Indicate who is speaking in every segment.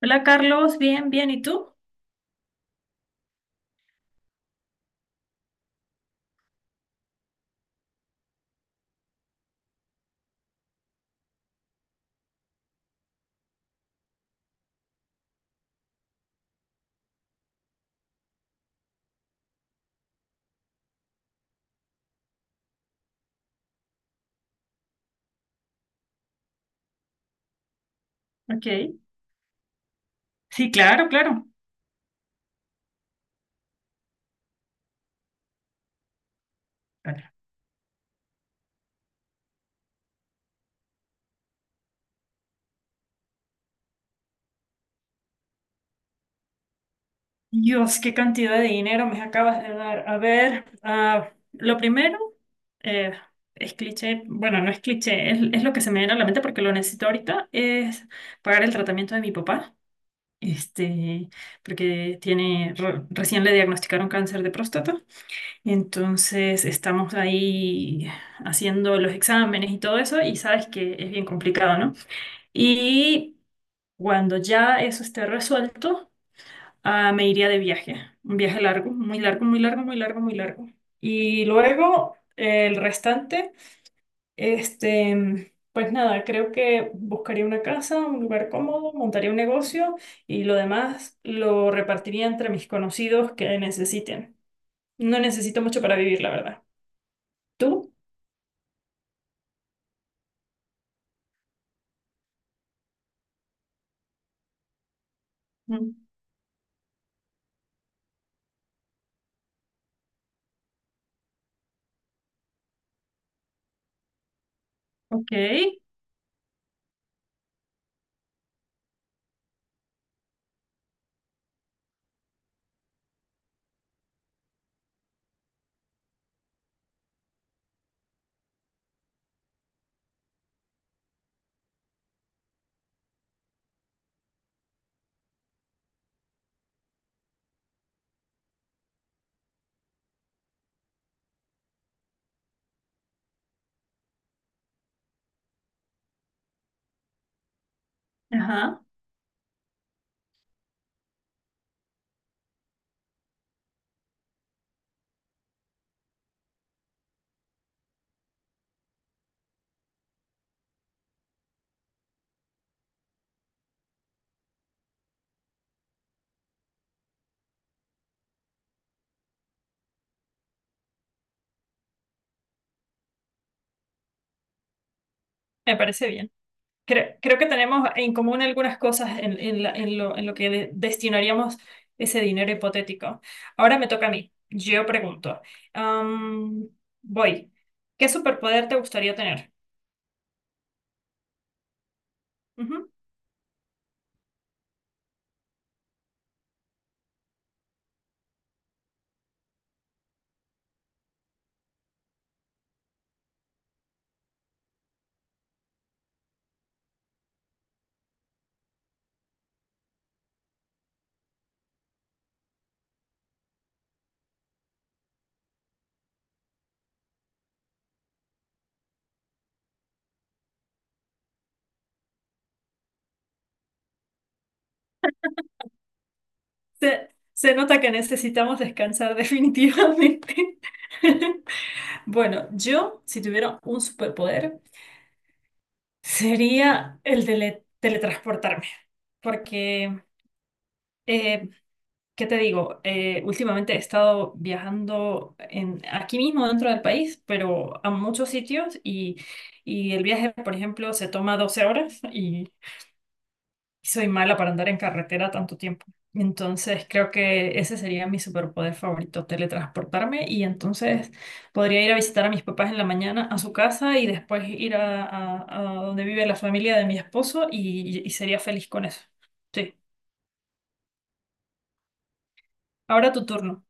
Speaker 1: Hola Carlos, bien, bien, ¿y tú? Ok. Sí, claro, claro. Claro. Dios, qué cantidad de dinero me acabas de dar. A ver, lo primero eh, es cliché, bueno, no es cliché, es lo que se me viene a la mente porque lo necesito ahorita, es pagar el tratamiento de mi papá, este, porque tiene, recién le diagnosticaron cáncer de próstata, entonces estamos ahí haciendo los exámenes y todo eso y sabes que es bien complicado, ¿no? Y Cuando ya eso esté resuelto, me iría de viaje. Un viaje largo, muy largo, muy largo, muy largo, muy largo. Y luego el restante, pues nada, creo que buscaría una casa, un lugar cómodo, montaría un negocio y lo demás lo repartiría entre mis conocidos que necesiten. No necesito mucho para vivir, la verdad. ¿Tú? Mm. Ok. Ajá, me parece bien. Creo que tenemos en común algunas cosas en en lo que destinaríamos ese dinero hipotético. Ahora me toca a mí. Yo pregunto. Am, voy. ¿Qué superpoder te gustaría tener? Ujú. Se nota que necesitamos descansar definitivamente. Bueno, yo, si tuviera un superpoder, sería el de teletransportarme. Porque eh, ¿qué te digo? Últimamente he estado viajando aquí mismo dentro del país, pero a muchos sitios y el viaje, por ejemplo, se toma 12 horas y soy mala para andar en carretera tanto tiempo. Entonces creo que ese sería mi superpoder favorito, teletransportarme y entonces podría ir a visitar a mis papás en la mañana a su casa y después ir a donde vive la familia de mi esposo y sería feliz con eso. Sí, ahora tu turno.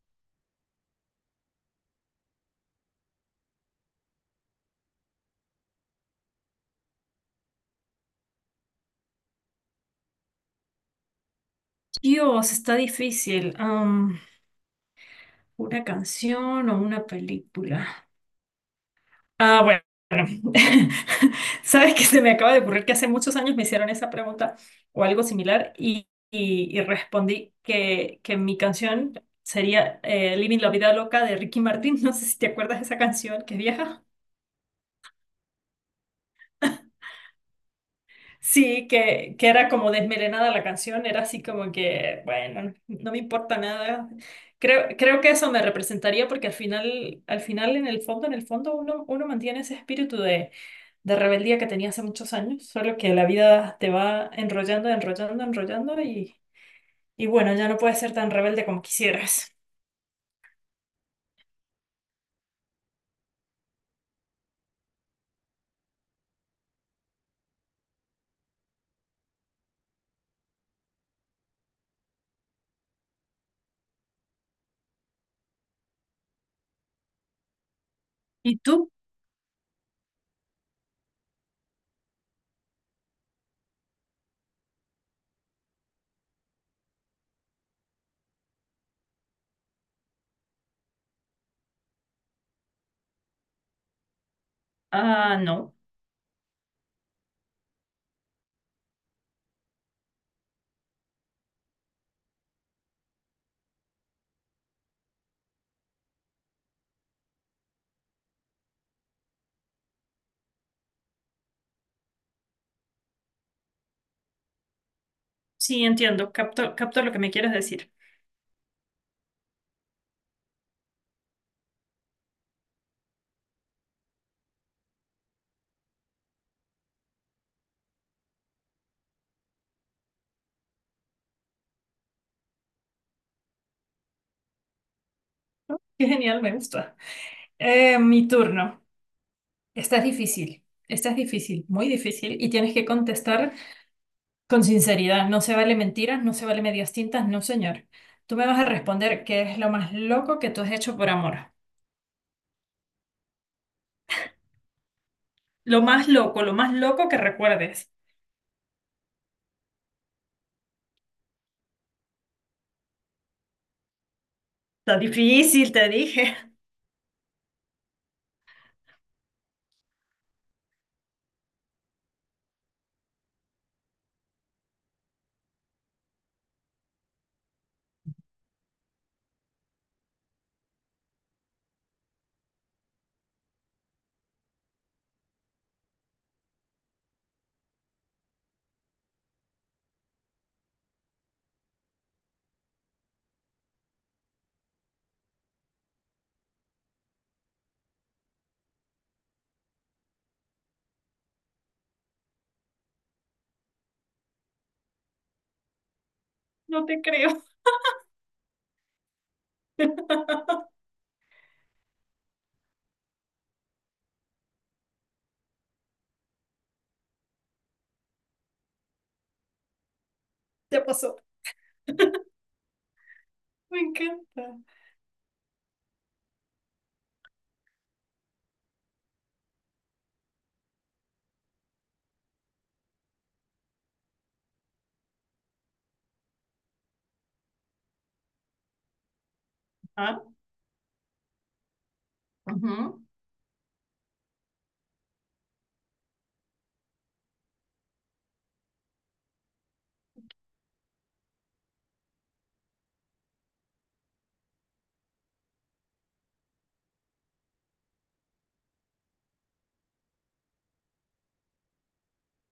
Speaker 1: Dios, está difícil. ¿Una canción o una película? Ah, bueno. Sabes que se me acaba de ocurrir que hace muchos años me hicieron esa pregunta o algo similar y, y respondí que mi canción sería Living la Vida Loca de Ricky Martin. No sé si te acuerdas de esa canción que es vieja. Sí, que era como desmelenada la canción, era así como que, bueno, no me importa nada. Creo que eso me representaría porque al final, en el fondo, uno mantiene ese espíritu de rebeldía que tenía hace muchos años, solo que la vida te va enrollando, enrollando, enrollando y bueno, ya no puedes ser tan rebelde como quisieras. ¿Y tú? Ah, no. Sí, entiendo, capto, capto lo que me quieres decir. Qué genial, me gusta. Mi turno. Esta es difícil, muy difícil, y tienes que contestar con sinceridad. No se vale mentiras, no se vale medias tintas, no señor. Tú me vas a responder qué es lo más loco que tú has hecho por amor. Lo más loco que recuerdes. Está difícil, te dije. No te creo, te pasó. Me encanta. Ah, ujú.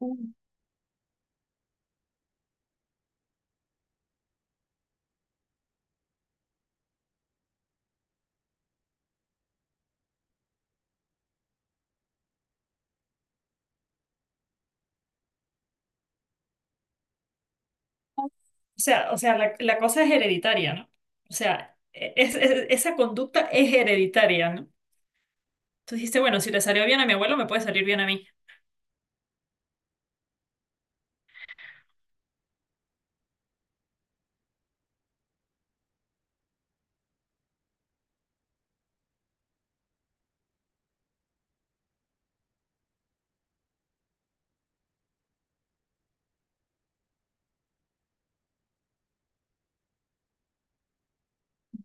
Speaker 1: Mm. O sea, la cosa es hereditaria, ¿no? O sea, esa conducta es hereditaria, ¿no? Tú dijiste, bueno, si le salió bien a mi abuelo, me puede salir bien a mí.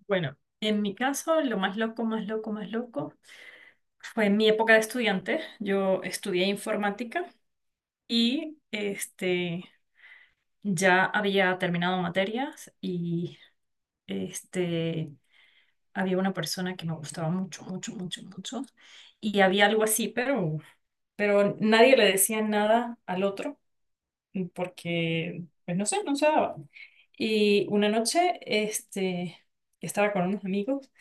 Speaker 1: Bueno, en mi caso, lo más loco, más loco, más loco fue en mi época de estudiante. Yo estudié informática y ya había terminado materias y este, había una persona que me gustaba mucho, mucho, mucho, mucho. Y había algo así, pero nadie le decía nada al otro. Porque, pues no sé, no se daba. Y una noche, estaba con unos amigos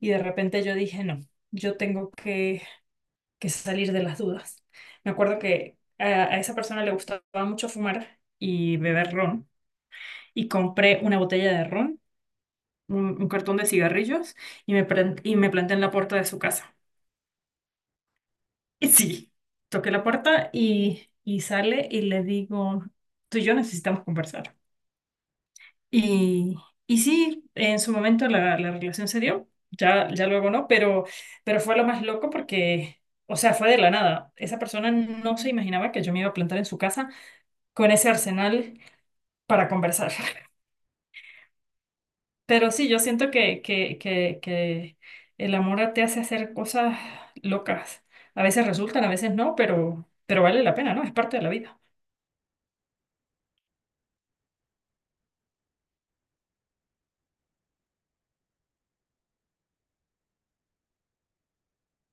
Speaker 1: y de repente yo dije, no, yo tengo que salir de las dudas. Me acuerdo que a esa persona le gustaba mucho fumar y beber ron y compré una botella de ron, un cartón de cigarrillos y y me planté en la puerta de su casa. Y sí, toqué la puerta y sale y le digo, tú y yo necesitamos conversar. Y, y sí, en su momento la relación se dio, ya, ya luego no, pero fue lo más loco porque, o sea, fue de la nada. Esa persona no se imaginaba que yo me iba a plantar en su casa con ese arsenal para conversar. Pero sí, yo siento que, que el amor te hace hacer cosas locas. A veces resultan, a veces no, pero vale la pena, ¿no? Es parte de la vida,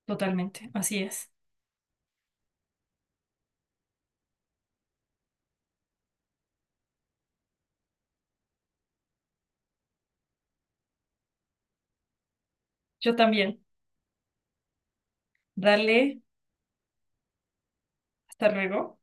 Speaker 1: totalmente. Así es. Yo también. Dale, hasta luego.